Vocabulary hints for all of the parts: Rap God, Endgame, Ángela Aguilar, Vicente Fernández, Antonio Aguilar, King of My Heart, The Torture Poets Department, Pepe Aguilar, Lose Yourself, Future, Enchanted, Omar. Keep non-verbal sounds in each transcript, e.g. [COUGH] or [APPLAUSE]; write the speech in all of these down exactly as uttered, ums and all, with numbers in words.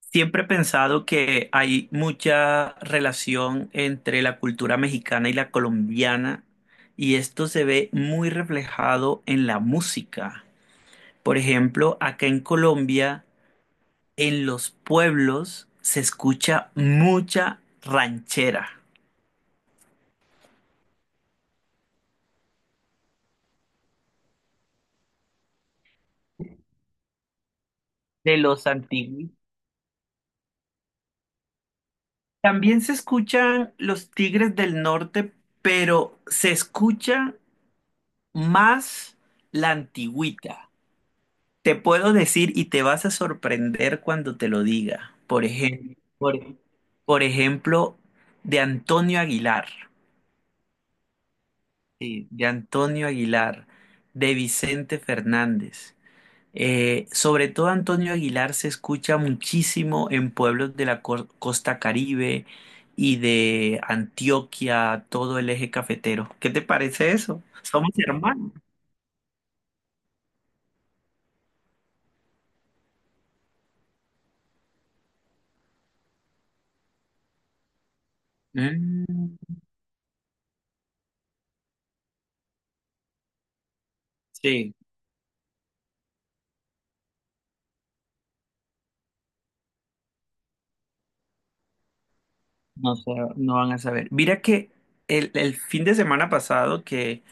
Siempre he pensado que hay mucha relación entre la cultura mexicana y la colombiana, y esto se ve muy reflejado en la música. Por ejemplo, acá en Colombia, en los pueblos se escucha mucha ranchera de los antiguos. También se escuchan los Tigres del Norte, pero se escucha más la antigüita. Te puedo decir y te vas a sorprender cuando te lo diga. Por ejemplo, por, por ejemplo, de Antonio Aguilar, sí, de Antonio Aguilar, de Vicente Fernández. Eh, sobre todo Antonio Aguilar se escucha muchísimo en pueblos de la cor- costa Caribe y de Antioquia, todo el eje cafetero. ¿Qué te parece eso? Somos hermanos. Mm, sí. No, sé, no van a saber. Mira que el, el fin de semana pasado, que,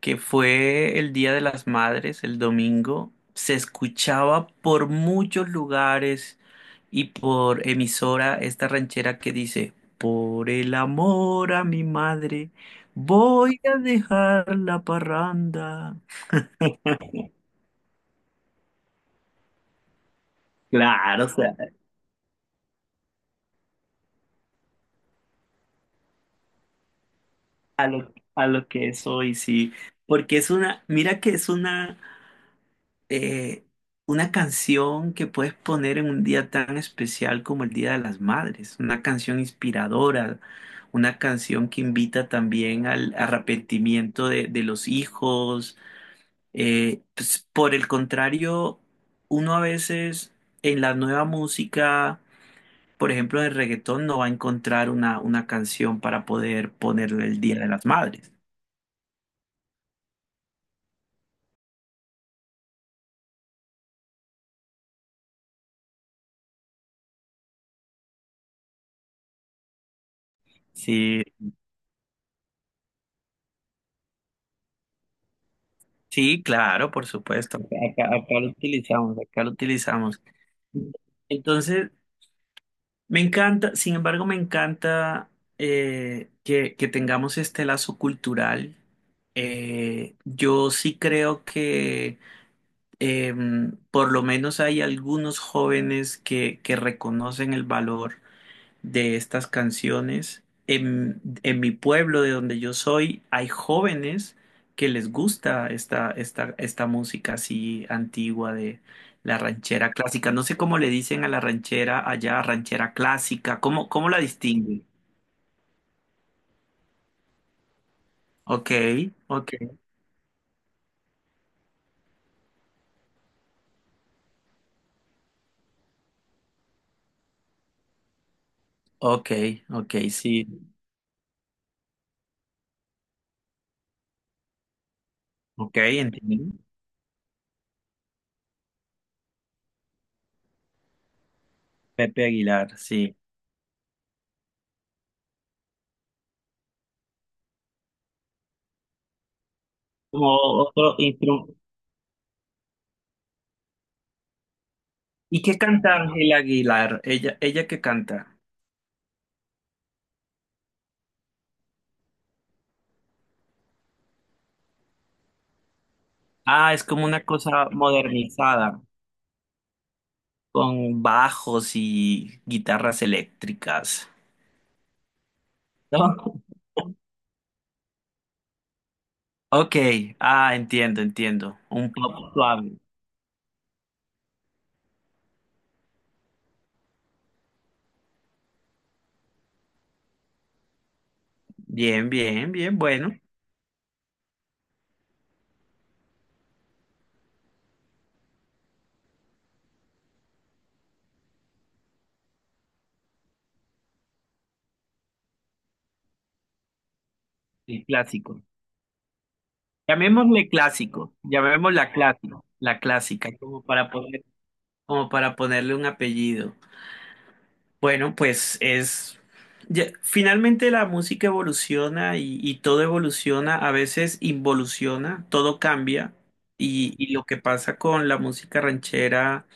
que fue el Día de las Madres, el domingo, se escuchaba por muchos lugares y por emisora esta ranchera que dice, por el amor a mi madre, voy a dejar la parranda. Claro, o sea, a lo, a lo que es hoy, sí. Porque es una, mira que es una... eh, una canción que puedes poner en un día tan especial como el Día de las Madres, una canción inspiradora, una canción que invita también al arrepentimiento de, de los hijos. Eh, pues, por el contrario, uno a veces en la nueva música, por ejemplo, en el reggaetón, no va a encontrar una, una canción para poder ponerle el Día de las Madres. Sí, sí, claro, por supuesto. Acá, acá lo utilizamos, acá lo utilizamos. Entonces, me encanta, sin embargo, me encanta eh, que, que tengamos este lazo cultural. Eh, yo sí creo que em, por lo menos hay algunos jóvenes que, que reconocen el valor de estas canciones. En, en mi pueblo, de donde yo soy, hay jóvenes que les gusta esta, esta, esta música así antigua de la ranchera clásica. No sé cómo le dicen a la ranchera allá, ranchera clásica. ¿Cómo, cómo la distinguen? Ok, ok, ok, ok, sí, ok, entiendo. Pepe Aguilar, sí. Como otro instru- ¿y qué canta Ángela Aguilar? Ella, ella qué canta. Ah, es como una cosa modernizada. Con bajos y guitarras eléctricas. ¿No? Ok, ah, entiendo, entiendo. Un pop suave. Bien, bien, bien, bueno. El clásico. Llamémosle clásico. Llamémosla clásico. La clásica, como para poner, como para ponerle un apellido. Bueno, pues es. Ya- finalmente la música evoluciona y, y todo evoluciona, a veces involuciona, todo cambia. Y, y lo que pasa con la música ranchera.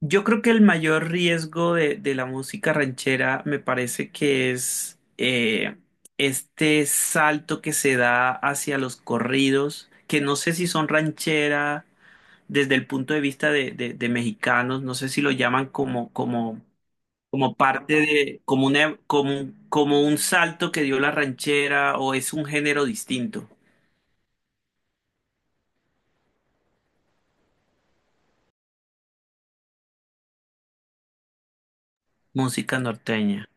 Yo creo que el mayor riesgo de, de la música ranchera me parece que es eh, este salto que se da hacia los corridos, que no sé si son ranchera desde el punto de vista de, de- de mexicanos, no sé si lo llaman como, como, como parte de, como una- como, un- como un salto que dio la ranchera o es un género distinto, música norteña.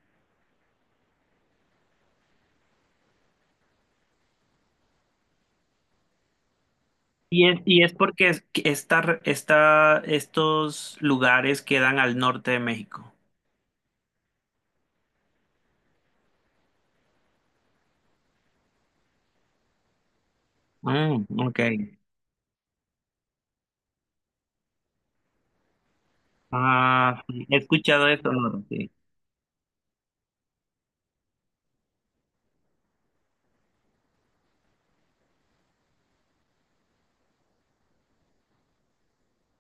Y es, y es porque es- que esta- esta- estos lugares quedan al norte de México. Mm, ok. Ah, sí, he escuchado de Sonora, sí.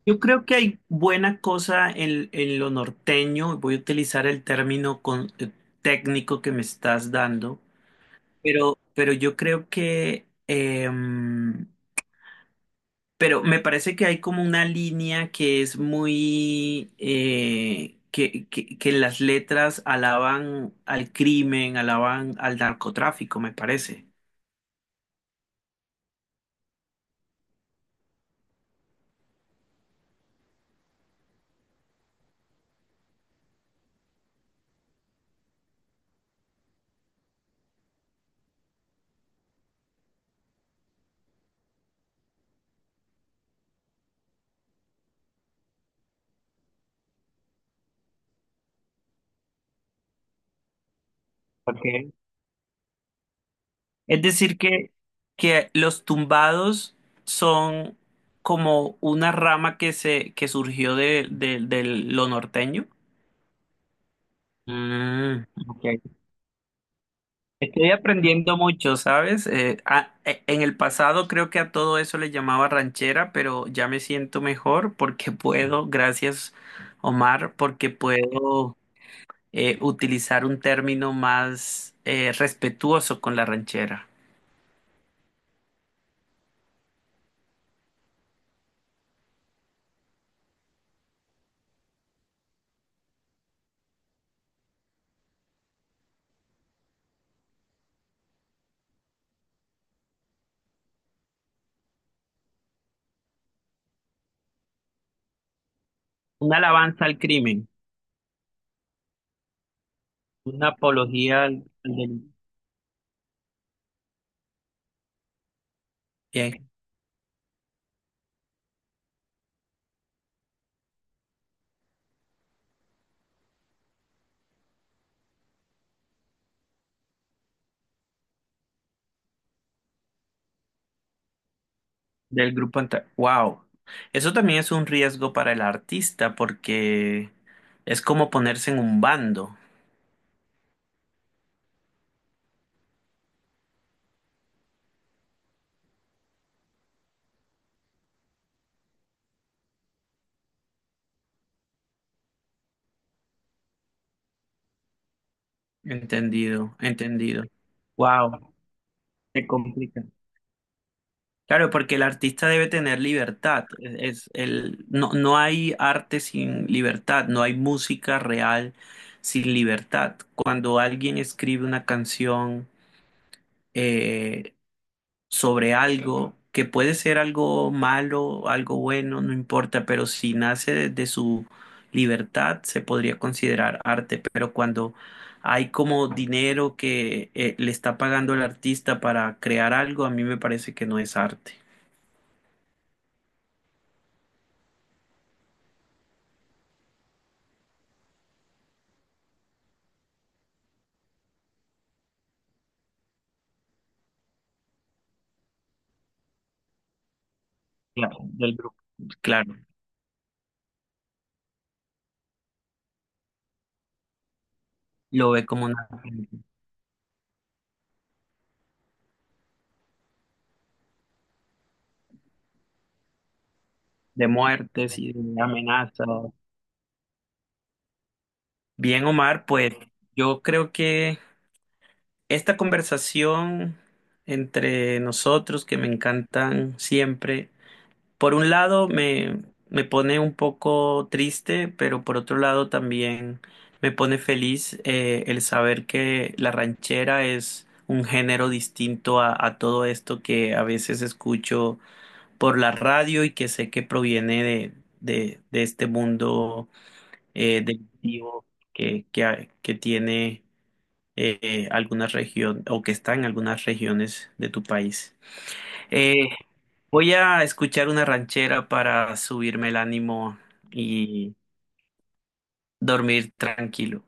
Yo creo que hay buena cosa en, en lo norteño. Voy a utilizar el término con- eh, técnico que me estás dando, pero, pero yo creo que em, pero me parece que hay como una línea que es muy, eh, que, que, que las letras alaban al crimen, alaban al narcotráfico, me parece. Okay. Es decir, que, que los tumbados son como una rama que se, que surgió de, de- de lo norteño. Mm, ok. Estoy aprendiendo mucho, ¿sabes? Eh, a- e- en el pasado creo que a todo eso le llamaba ranchera, pero ya me siento mejor porque [LAUGHS] puedo, gracias Omar, porque puedo eh, utilizar un término más eh, respetuoso con la ranchera. Una alabanza al crimen, una apología al- al del, bien, del grupo. anta- ¡Wow! Eso también es un riesgo para el artista porque es como ponerse en un bando. Entendido, entendido. Wow, se complica. Claro, porque el artista debe tener libertad. Es es el, no, no hay arte sin libertad, no hay música real sin libertad. Cuando alguien escribe una canción, eh, sobre algo que puede ser algo malo, algo bueno, no importa, pero si nace de, de su libertad se podría considerar arte, pero cuando hay como dinero que eh, le está pagando el artista para crear algo, a mí me parece que no es arte. Claro, del grupo, claro. Lo ve como una de muertes y de amenazas. Bien, Omar, pues yo creo que esta conversación entre nosotros, que me encantan siempre, por un lado me, me pone un poco triste, pero por otro lado también me pone feliz eh, el saber que la ranchera es un género distinto a, a todo esto que a veces escucho por la radio y que sé que proviene de, de, de este mundo eh, delictivo que, que, ha- que tiene eh, algunas regiones o que está en algunas regiones de tu país. Eh, Voy a escuchar una ranchera para subirme el ánimo y dormir tranquilo.